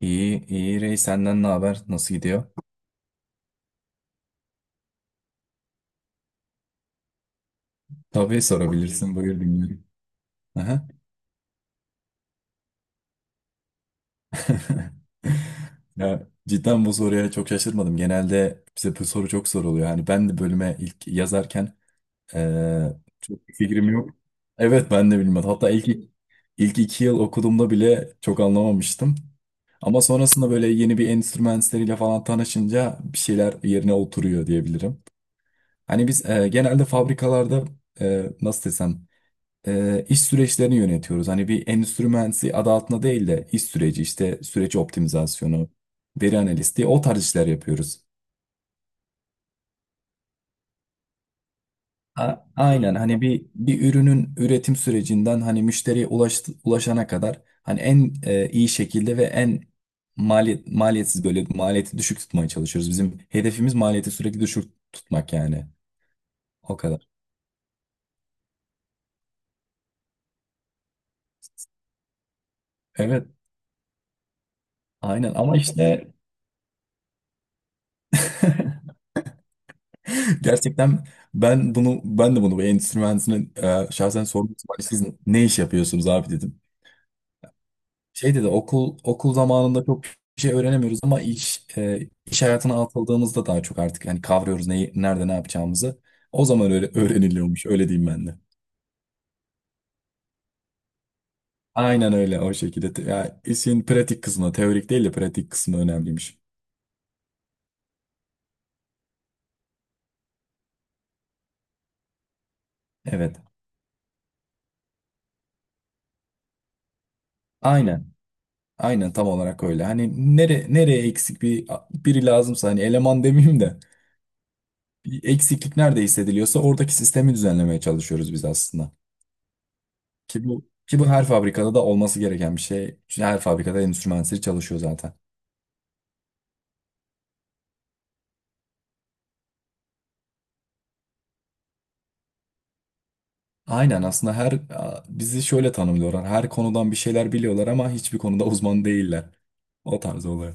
İyi, iyi Rey senden ne haber? Nasıl gidiyor? Tabii sorabilirsin, buyur dinliyorum. Aha. Ya, cidden bu soruya çok şaşırmadım. Genelde bize bu soru çok soruluyor. Hani ben de bölüme ilk yazarken çok bir fikrim yok. Evet ben de bilmiyordum. Hatta ilk 2 yıl okuduğumda bile çok anlamamıştım. Ama sonrasında böyle yeni bir enstrümanslarıyla falan tanışınca bir şeyler yerine oturuyor diyebilirim. Hani biz genelde fabrikalarda nasıl desem iş süreçlerini yönetiyoruz. Hani bir endüstri mühendisi adı altında değil de iş süreci işte süreç optimizasyonu, veri analisti o tarz işler yapıyoruz. Aynen hani bir ürünün üretim sürecinden hani müşteriye ulaşana kadar hani en iyi şekilde ve en maliyet maliyetsiz böyle maliyeti düşük tutmaya çalışıyoruz. Bizim hedefimiz maliyeti sürekli düşük tutmak yani. O kadar. Evet, aynen ama işte gerçekten ben de bunu bu endüstri mühendisine şahsen sordum. Siz ne iş yapıyorsunuz abi dedim. Şey dedi okul zamanında çok bir şey öğrenemiyoruz ama iş hayatına atıldığımızda daha çok artık hani kavruyoruz neyi nerede ne yapacağımızı. O zaman öyle öğreniliyormuş öyle diyeyim ben de. Aynen öyle o şekilde. Ya, işin pratik kısmı teorik değil de pratik kısmı önemliymiş. Evet. Aynen. Aynen tam olarak öyle. Hani nereye eksik bir biri lazımsa hani eleman demeyeyim de eksiklik nerede hissediliyorsa oradaki sistemi düzenlemeye çalışıyoruz biz aslında. Ki bu her fabrikada da olması gereken bir şey. Çünkü her fabrikada endüstri mühendisleri çalışıyor zaten. Aynen aslında bizi şöyle tanımlıyorlar. Her konudan bir şeyler biliyorlar ama hiçbir konuda uzman değiller. O tarz oluyor.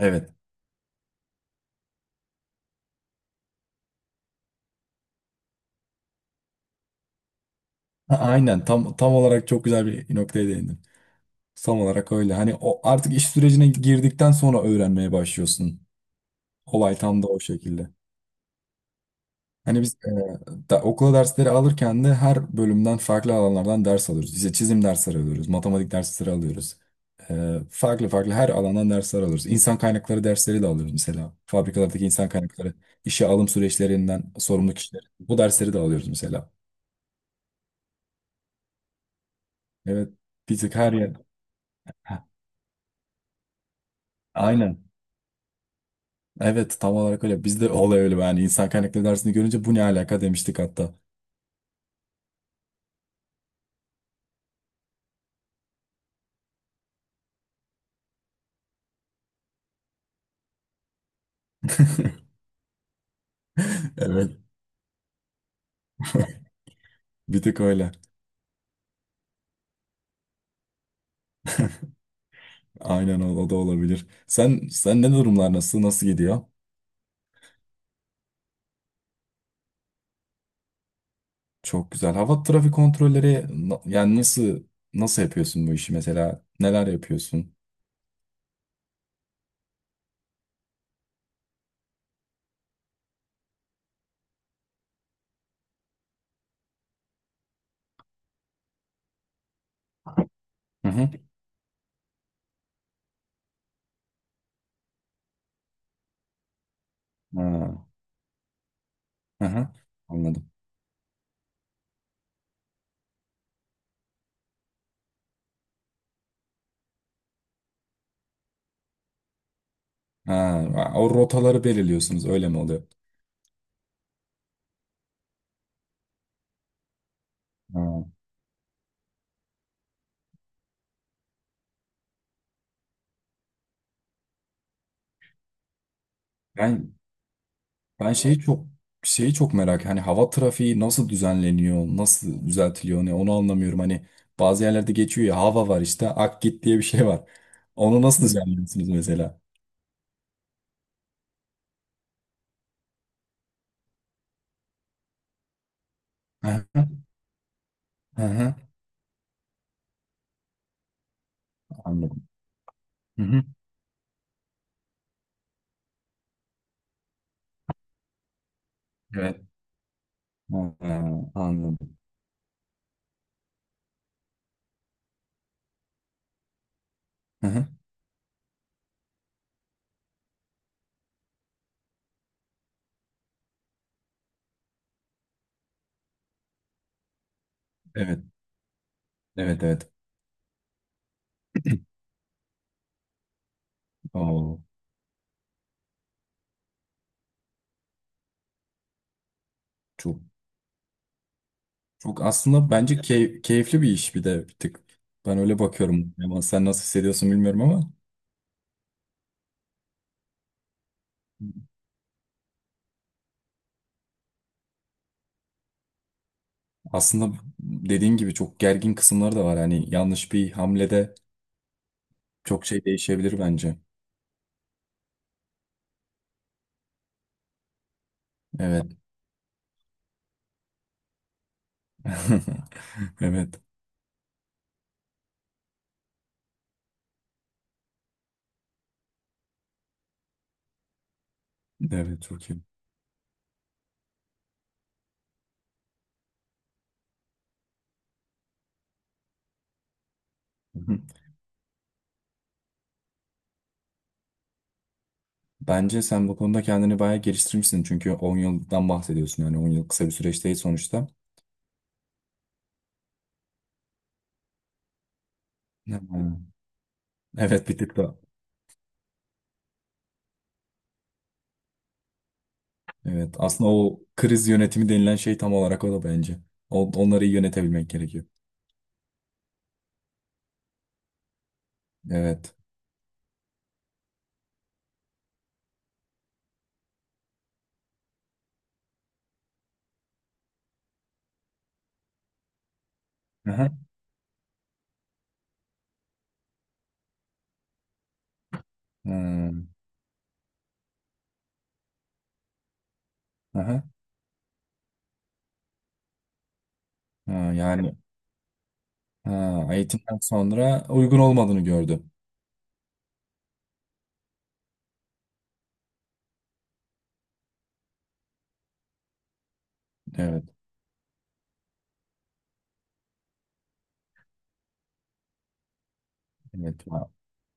Evet. Aynen tam olarak çok güzel bir noktaya değindin. Tam olarak öyle. Hani o artık iş sürecine girdikten sonra öğrenmeye başlıyorsun. Olay tam da o şekilde. Hani biz okula dersleri alırken de her bölümden farklı alanlardan ders alıyoruz. İşte çizim dersleri alıyoruz, matematik dersleri alıyoruz. E, farklı farklı her alandan dersler alıyoruz. İnsan kaynakları dersleri de alıyoruz mesela. Fabrikalardaki insan kaynakları, işe alım süreçlerinden sorumlu kişiler. Bu dersleri de alıyoruz mesela. Evet, bir tık her yer. Heh, aynen. Evet, tam olarak öyle. Bizde olay öyle. Yani insan kaynakları dersini görünce bu ne alaka demiştik hatta. Evet, bir tık öyle. Aynen o, o da olabilir. Sen ne durumlar nasıl gidiyor? Çok güzel. Hava trafik kontrolleri yani nasıl yapıyorsun bu işi mesela? Neler yapıyorsun? Hı hı. Ha, hı hı. Anladım. Ha, o rotaları belirliyorsunuz öyle mi oluyor? Ha. Ben ben şeyi çok merak hani hava trafiği nasıl düzenleniyor, nasıl düzeltiliyor ne onu anlamıyorum. Hani bazı yerlerde geçiyor ya hava var işte ak git diye bir şey var. Onu nasıl düzenliyorsunuz mesela? Hı hı. Hı. Anladım. Hı hı. Evet. Ha, anladım. Hı hı. Evet. Evet evet. Oo, çok çok aslında bence keyifli bir iş bir de bir tık. Ben öyle bakıyorum. Ama sen nasıl hissediyorsun bilmiyorum ama aslında dediğin gibi çok gergin kısımları da var. Hani yanlış bir hamlede çok şey değişebilir bence. Evet. Evet. Evet çok iyi. Hı, bence sen bu konuda kendini bayağı geliştirmişsin. Çünkü 10 yıldan bahsediyorsun. Yani 10 yıl kısa bir süreç değil sonuçta. Hı. Evet bir tık da evet, aslında o kriz yönetimi denilen şey tam olarak o da bence. Onları iyi yönetebilmek gerekiyor. Evet. Aha. Hı, aha. Ha, yani ha, eğitimden sonra uygun olmadığını gördü. Evet. Evet. Ha.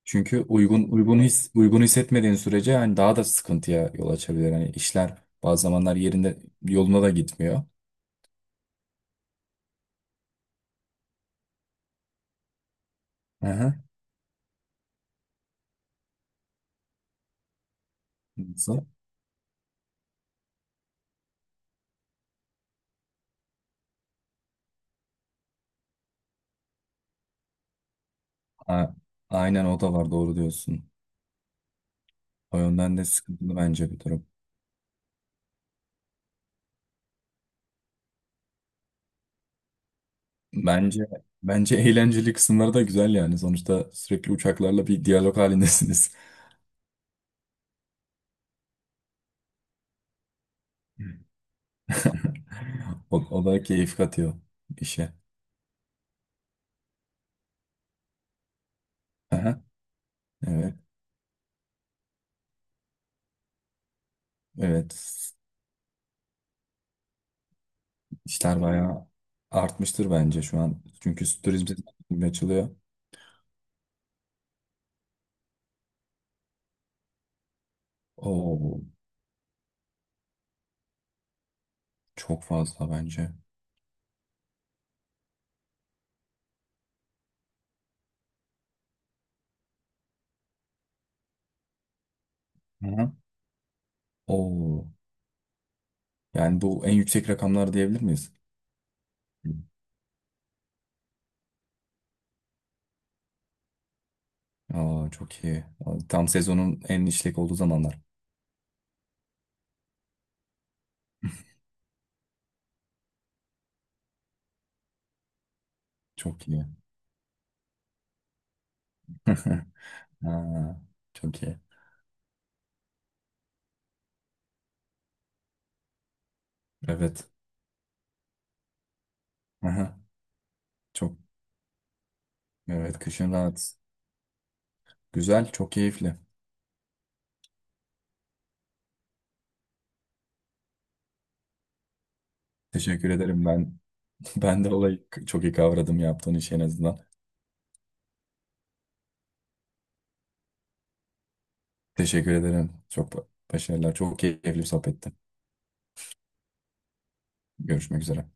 Çünkü uygun hissetmediğin sürece hani daha da sıkıntıya yol açabilir. Hani işler bazı zamanlar yerinde yoluna da gitmiyor. Aha. Nasıl? A- aynen o da var doğru diyorsun. O yönden de sıkıntılı bence bir durum. Bence bence eğlenceli kısımları da güzel yani. Sonuçta sürekli uçaklarla bir diyalog halindesiniz. O, o da keyif katıyor işe. Aha, evet, evet. İşler bayağı artmıştır bence şu an. Çünkü turizm sektörü açılıyor. Oo, çok fazla bence. Aha. Oo, yani bu en yüksek rakamlar diyebilir miyiz? Hı. Aa, çok iyi. Tam sezonun en işlek olduğu zamanlar. Çok iyi. Ha, çok iyi. Evet. Aha, çok evet kışın rahat. Güzel, çok keyifli. Teşekkür ederim ben. Ben de olayı çok iyi kavradım yaptığın işi en azından. Teşekkür ederim. Başarılar. Çok keyifli bir sohbetti. Görüşmek üzere.